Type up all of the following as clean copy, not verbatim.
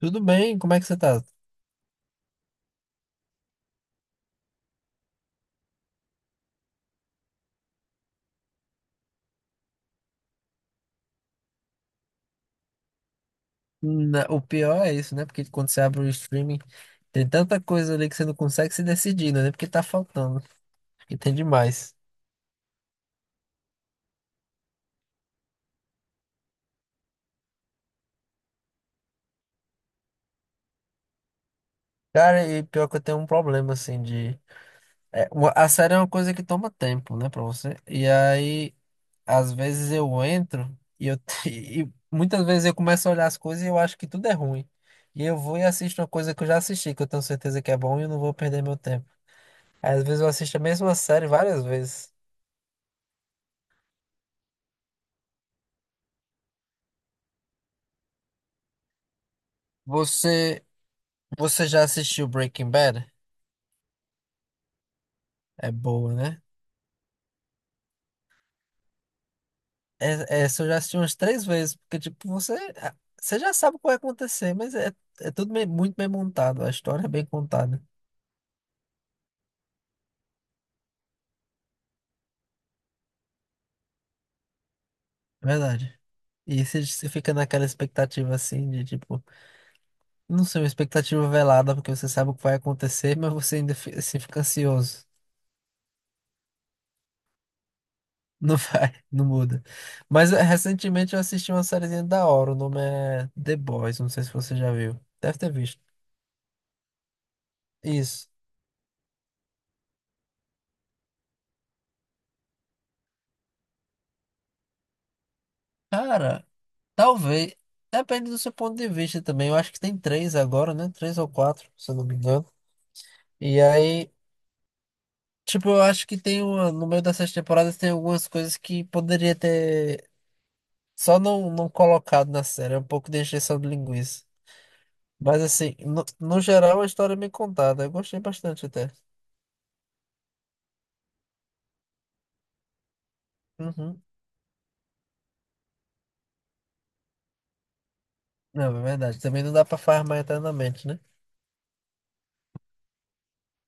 Tudo bem, como é que você tá? O pior é isso, né? Porque quando você abre o streaming, tem tanta coisa ali que você não consegue se decidir, né? Porque tá faltando. E tem demais. Cara, e pior que eu tenho um problema, assim, a série é uma coisa que toma tempo, né, pra você. E aí, às vezes eu entro e eu. E muitas vezes eu começo a olhar as coisas e eu acho que tudo é ruim. E eu vou e assisto uma coisa que eu já assisti, que eu tenho certeza que é bom e eu não vou perder meu tempo. Aí, às vezes eu assisto a mesma série várias vezes. Você. Você já assistiu Breaking Bad? É boa, né? Essa eu já assisti umas três vezes, porque, tipo, ah, você já sabe o que vai acontecer, é tudo muito bem montado, a história é bem contada, é verdade. E você fica naquela expectativa, assim, de, tipo, não sei, uma expectativa velada, porque você sabe o que vai acontecer, mas você ainda assim, fica ansioso. Não vai, não muda. Mas recentemente eu assisti uma sériezinha da hora, o nome é The Boys, não sei se você já viu. Deve ter visto. Isso. Cara, talvez. Depende do seu ponto de vista também. Eu acho que tem três agora, né? Três ou quatro, se eu não me engano. E aí, tipo, eu acho que tem uma. No meio dessas temporadas tem algumas coisas que poderia ter só não colocado na série. É um pouco de encheção de linguiça. Mas assim, no geral, a história é bem contada. Eu gostei bastante até. Uhum. Não, é verdade. Também não dá pra farmar eternamente, né?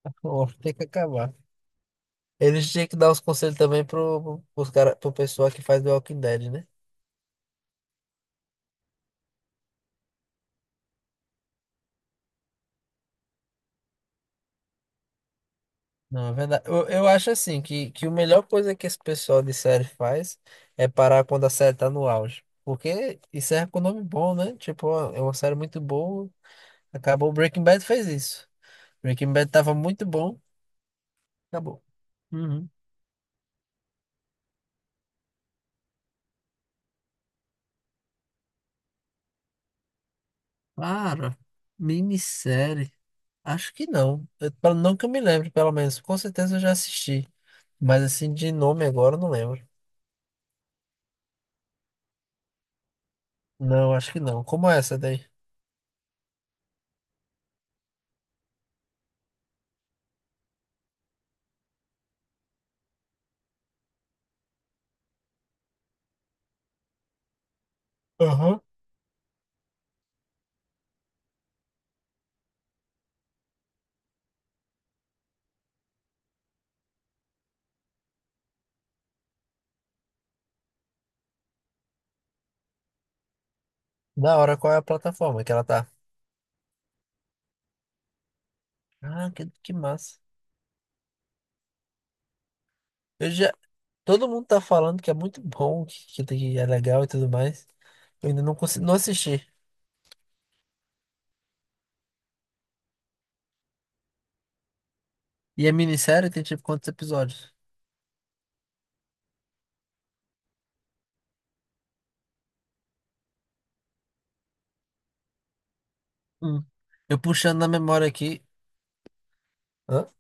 Ou Tem que acabar. Eles tinham que dar os conselhos também pro pessoal que faz The Walking Dead, né? Não, é verdade. Eu acho assim que a melhor coisa que esse pessoal de série faz é parar quando a série tá no auge. Porque isso é com nome bom, né? Tipo, ó, é uma série muito boa. Acabou. Breaking Bad fez isso. Breaking Bad tava muito bom. Acabou. Uhum. Para, minissérie. Acho que não. Não que eu me lembre, pelo menos. Com certeza eu já assisti. Mas assim, de nome agora eu não lembro. Não, acho que não. Como é essa daí? Aham. Da hora, qual é a plataforma que ela tá? Ah, que massa. Eu já, todo mundo tá falando que é muito bom, que é legal e tudo mais. Eu ainda não consegui, não assisti. E a minissérie tem tipo quantos episódios? Hum. Eu puxando na memória aqui. Hã?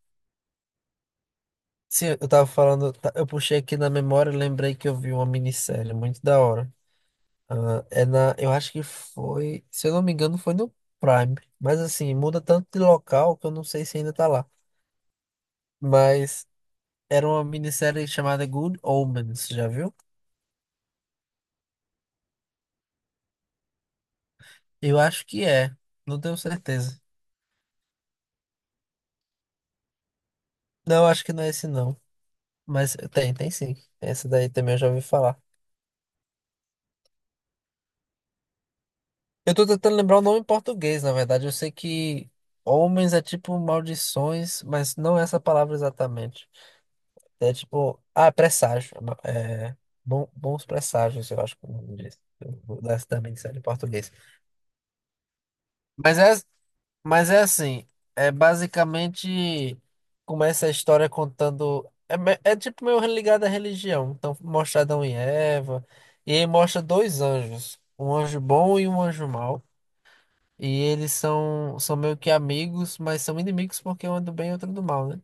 Sim, eu tava falando, tá, eu puxei aqui na memória e lembrei que eu vi uma minissérie muito da hora. Ah, é na, eu acho que foi, se eu não me engano, foi no Prime. Mas assim, muda tanto de local que eu não sei se ainda tá lá. Mas era uma minissérie chamada Good Omens, já viu? Eu acho que é, não tenho certeza. Não, acho que não é esse não. Mas tem, tem sim. Esse daí também eu já ouvi falar. Eu tô tentando lembrar o nome em português, na verdade. Eu sei que homens é tipo maldições, mas não é essa palavra exatamente. É tipo, ah, presságio. É, bons presságios, eu acho que é o nome disso. Eu vou dar essa também sério em português. Mas é Mas é assim, é basicamente começa a história contando. É tipo meio ligado à religião. Então mostra Adão e Eva. E aí mostra dois anjos, um anjo bom e um anjo mau. E eles são meio que amigos, mas são inimigos porque um é do bem e outro do mal, né?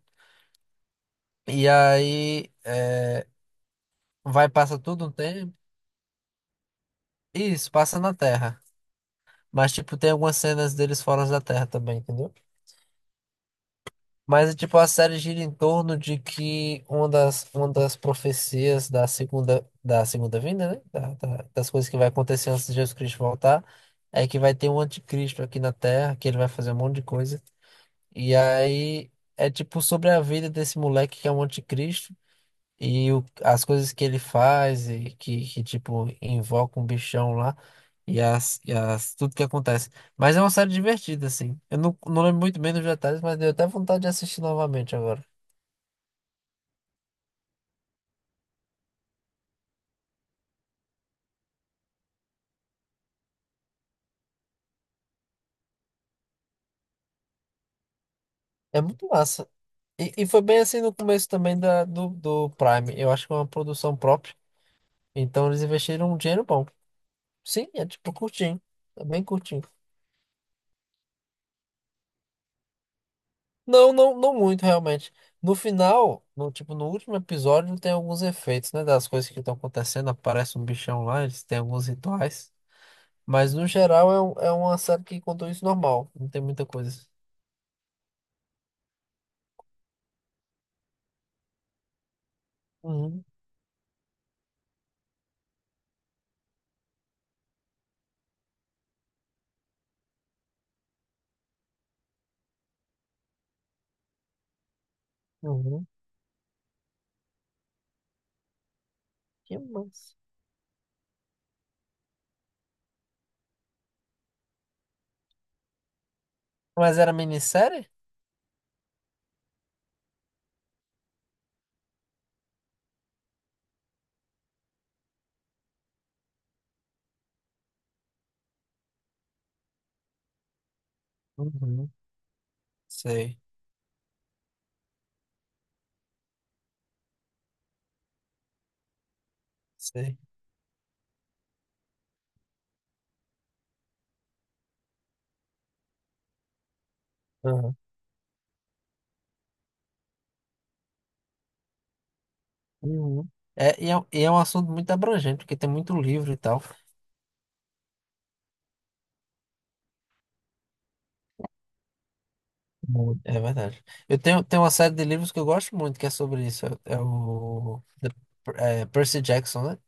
E aí é, vai, passa tudo um tempo. Isso, passa na Terra. Mas tipo, tem algumas cenas deles fora da Terra também, entendeu? Mas, tipo, a série gira em torno de que uma das profecias da da segunda vinda, né? Das coisas que vai acontecer antes de Jesus Cristo voltar, é que vai ter um anticristo aqui na Terra, que ele vai fazer um monte de coisa. E aí é tipo sobre a vida desse moleque que é um anticristo. As coisas que ele faz, que tipo, invoca um bichão lá, tudo que acontece. Mas é uma série divertida, assim. Eu não, não lembro muito bem dos detalhes, mas deu até vontade de assistir novamente agora. É muito massa. E foi bem assim no começo também do Prime. Eu acho que é uma produção própria. Então eles investiram um dinheiro bom. Sim, é tipo curtinho. É bem curtinho. Não muito, realmente. No final, no último episódio, tem alguns efeitos, né? Das coisas que estão acontecendo, aparece um bichão lá, eles têm alguns rituais. Mas no geral é, é uma série que contou isso normal. Não tem muita coisa. Uhum, uhum. Que massa. Mas era minissérie? Uhum. Sei, sei. Uhum. Uhum. E é um assunto muito abrangente, porque tem muito livro e tal. Muito. É verdade. Tenho uma série de livros que eu gosto muito, que é sobre isso. É, é, Percy Jackson, né?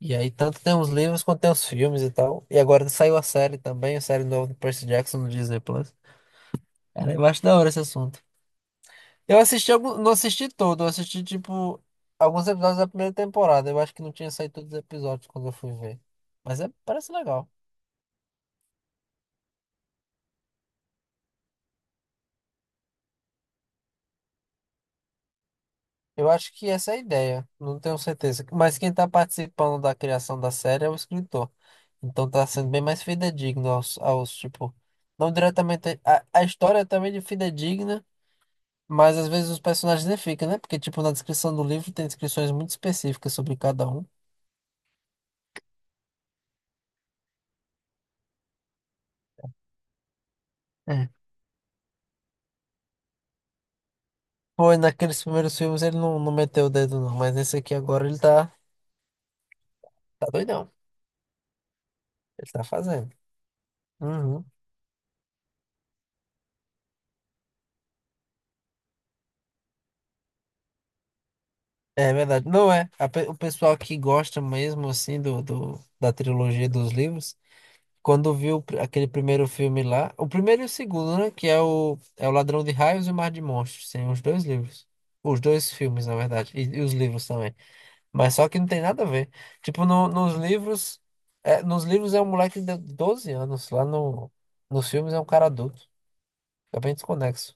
E aí, tanto tem os livros quanto tem os filmes e tal. E agora saiu a série também, a série nova do Percy Jackson no Disney Plus. Cara, eu acho da hora esse assunto. Não assisti todo, eu assisti, tipo, alguns episódios da primeira temporada. Eu acho que não tinha saído todos os episódios quando eu fui ver. Mas é, parece legal. Eu acho que essa é a ideia, não tenho certeza. Mas quem tá participando da criação da série é o escritor. Então tá sendo bem mais fidedigno aos tipo, não diretamente. A história é também de fidedigna, mas às vezes os personagens nem ficam, né? Porque, tipo, na descrição do livro tem descrições muito específicas sobre cada um. É. Foi naqueles primeiros filmes ele não meteu o dedo, não, mas nesse aqui agora tá doidão. Ele tá fazendo. Uhum. É verdade. Não é. O pessoal que gosta mesmo, assim, da trilogia dos livros. Quando viu o aquele primeiro filme lá, o primeiro e o segundo, né? Que é é o Ladrão de Raios e o Mar de Monstros. Tem os dois livros. Os dois filmes, na verdade. E os livros também. Mas só que não tem nada a ver. Tipo, nos livros. Nos livros é um moleque de 12 anos. Lá no, Nos filmes é um cara adulto. Fica bem desconexo.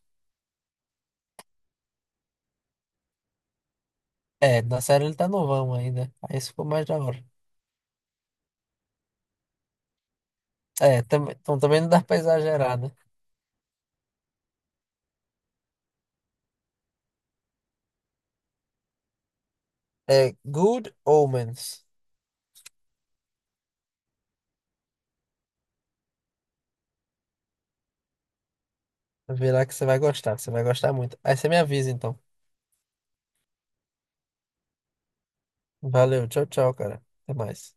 É, na série ele tá novão ainda. Aí isso ficou mais da hora. Então também não dá pra exagerar, né? É Good Omens. Vê lá que você vai gostar. Você vai gostar muito. Aí você me avisa então. Valeu, tchau, tchau, cara. Até mais.